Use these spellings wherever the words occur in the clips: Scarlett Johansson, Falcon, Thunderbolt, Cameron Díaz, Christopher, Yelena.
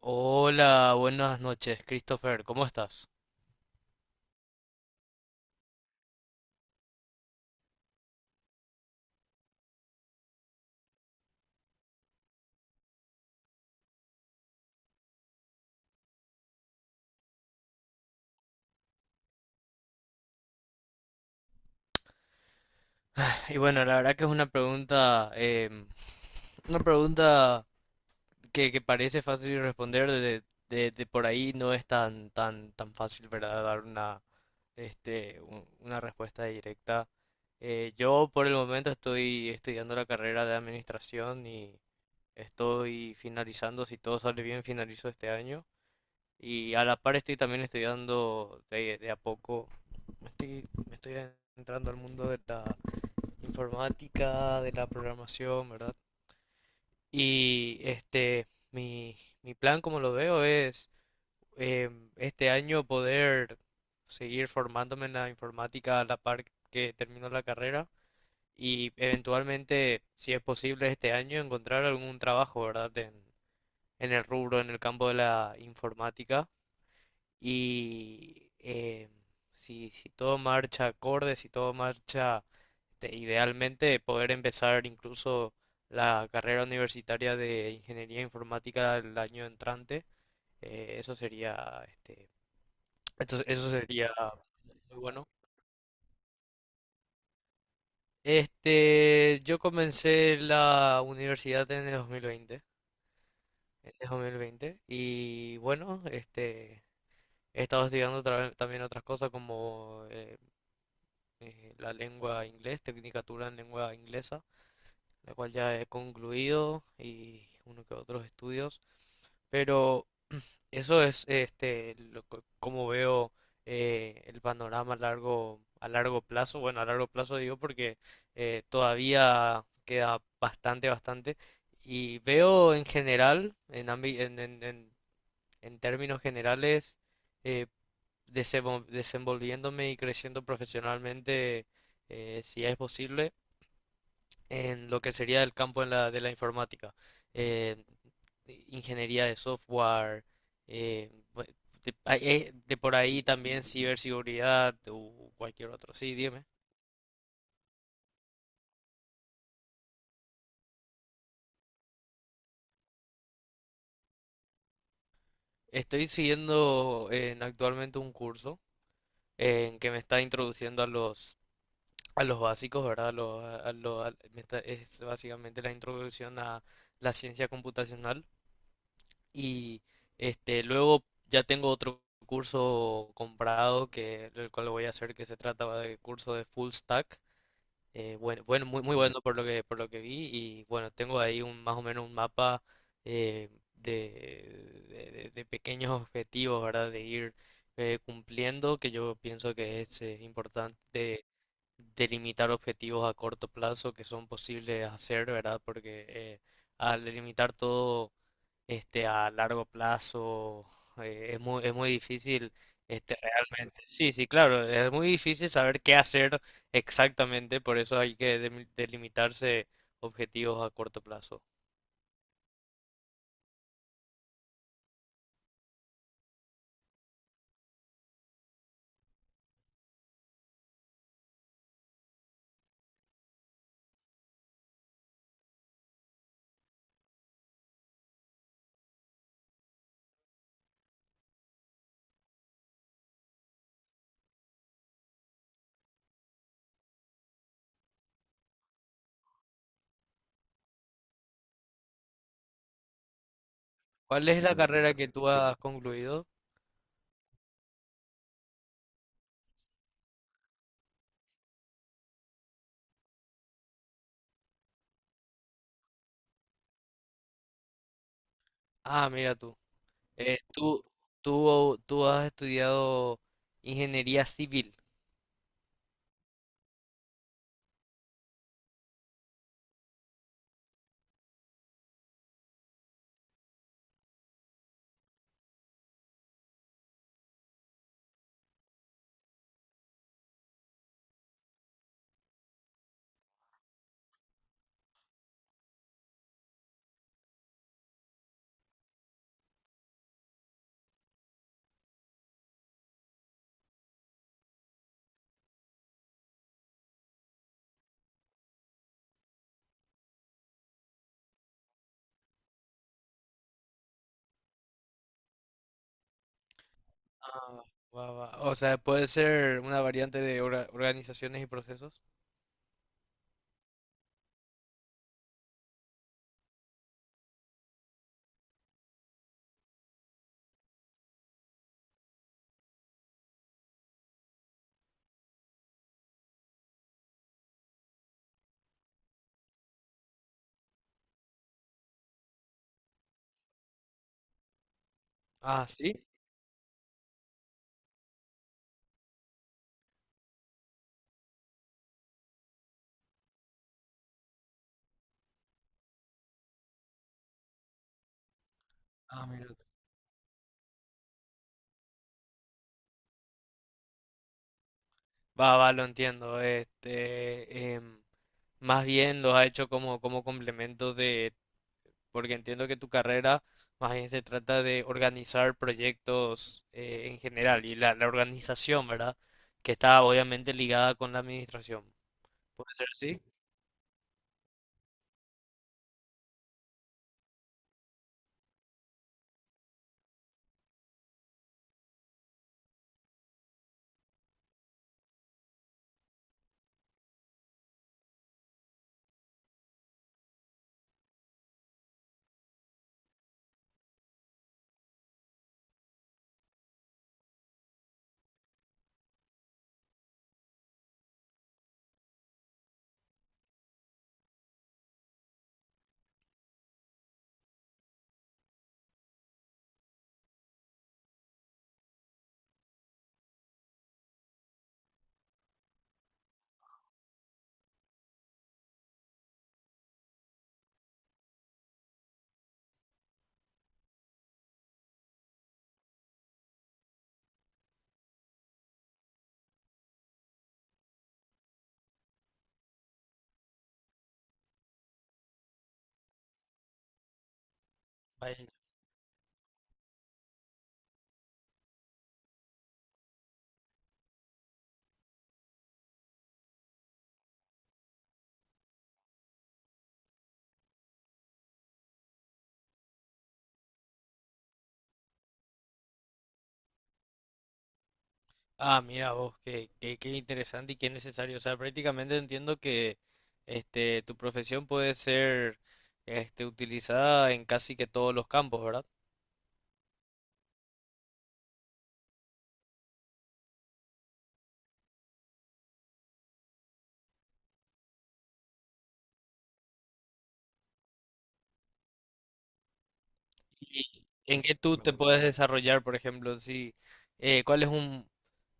Hola, buenas noches, Christopher, ¿cómo estás? Y bueno, la verdad que es una pregunta, una pregunta que parece fácil de responder, de por ahí no es tan fácil, ¿verdad? Dar una respuesta directa. Yo por el momento estoy estudiando la carrera de administración y estoy finalizando, si todo sale bien, finalizo este año. Y a la par estoy también estudiando de a poco, me estoy entrando al mundo de la informática, de la programación, ¿verdad? Y mi plan, como lo veo, es este año poder seguir formándome en la informática a la par que termino la carrera y eventualmente, si es posible este año, encontrar algún trabajo, ¿verdad? En el rubro, en el campo de la informática. Y si todo marcha acorde, si todo marcha idealmente, poder empezar incluso la carrera universitaria de ingeniería informática el año entrante, eso sería, eso sería muy bueno. Este, yo comencé la universidad en el 2020, y bueno, este, he estado estudiando otras cosas como la lengua inglés, tecnicatura en lengua inglesa, la cual ya he concluido y uno que otros estudios. Pero eso es como veo el panorama a largo plazo. Bueno, a largo plazo digo porque todavía queda bastante. Y veo en general, en términos generales, eh, desenvolviéndome y creciendo profesionalmente, si es posible, en lo que sería el campo de la informática. Eh, Ingeniería de software, eh, bu- de por ahí también ciberseguridad o cualquier otro. Sí, dime. Estoy siguiendo en actualmente un curso en que me está introduciendo a los básicos, ¿verdad? Es básicamente la introducción a la ciencia computacional. Y luego ya tengo otro curso comprado que el cual lo voy a hacer, que se trata de curso de full stack. Bueno, muy bueno por lo que vi, y bueno, tengo ahí un más o menos un mapa de pequeños objetivos, ¿verdad? De ir cumpliendo, que yo pienso que es importante delimitar objetivos a corto plazo que son posibles de hacer, ¿verdad? Porque al delimitar todo a largo plazo es muy difícil realmente. Sí, sí, claro, es muy difícil saber qué hacer exactamente, por eso hay que delimitarse objetivos a corto plazo. ¿Cuál es la carrera que tú has concluido? Ah, mira tú. Eh, tú, tú has estudiado ingeniería civil. Ah, va, va. O sea, puede ser una variante de organizaciones y procesos. Ah, sí. Ah, mira. Va, va, lo entiendo. Más bien los ha hecho como, como complemento de, porque entiendo que tu carrera más bien se trata de organizar proyectos en general y la organización, ¿verdad? Que está obviamente ligada con la administración. ¿Puede ser así? Ah, mira vos, qué interesante y qué necesario. O sea, prácticamente entiendo que tu profesión puede ser utilizada en casi que todos los campos, ¿verdad? ¿Y en qué tú te puedes desarrollar, por ejemplo, si, cuál es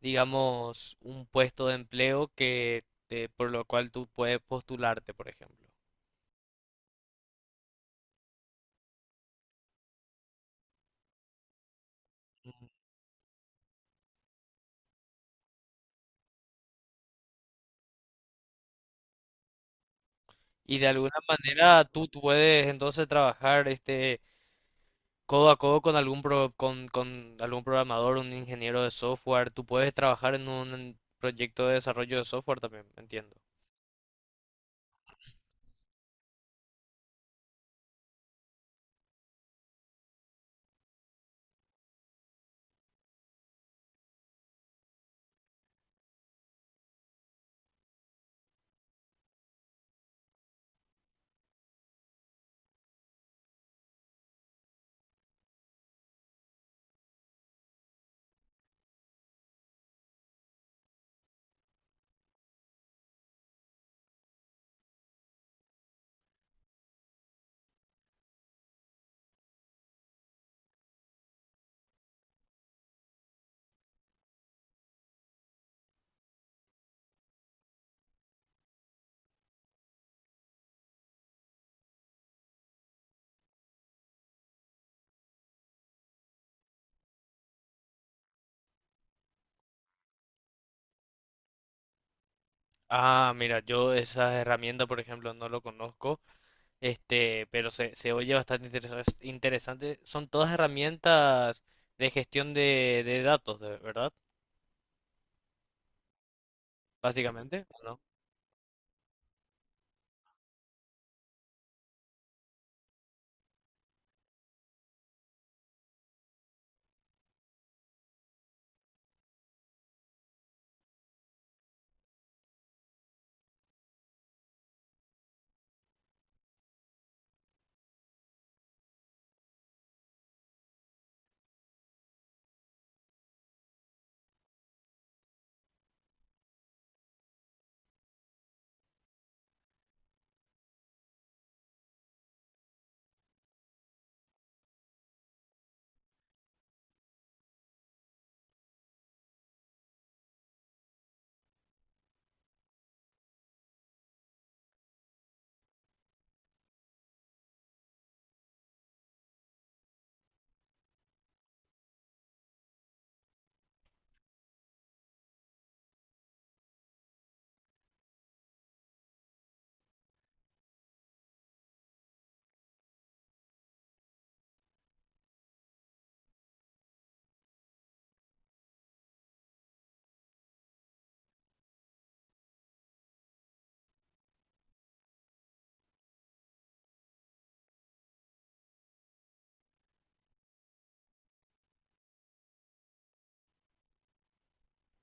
digamos, un puesto de empleo por lo cual tú puedes postularte, por ejemplo? Ujú. Y de alguna manera tú puedes entonces trabajar codo a codo con algún con algún programador, un ingeniero de software. Tú puedes trabajar en un proyecto de desarrollo de software también, entiendo. Ah, mira, yo esa herramienta, por ejemplo, no lo conozco, pero se oye bastante interesante. Son todas herramientas de gestión de datos, de... ¿verdad? Básicamente, ¿o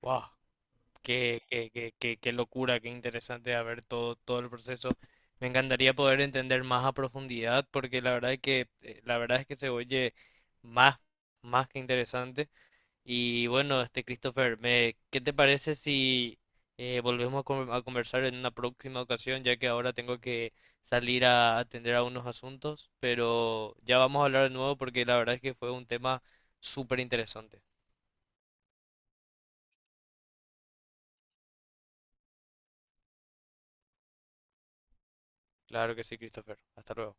¿no? Qué locura, qué interesante a ver todo, todo el proceso. Me encantaría poder entender más a profundidad porque la verdad es que, la verdad es que se oye más, más que interesante. Y bueno, este Christopher, ¿qué te parece si volvemos a conversar en una próxima ocasión, ya que ahora tengo que salir a atender a unos asuntos, pero ya vamos a hablar de nuevo porque la verdad es que fue un tema súper interesante? Claro que sí, Christopher. Hasta luego.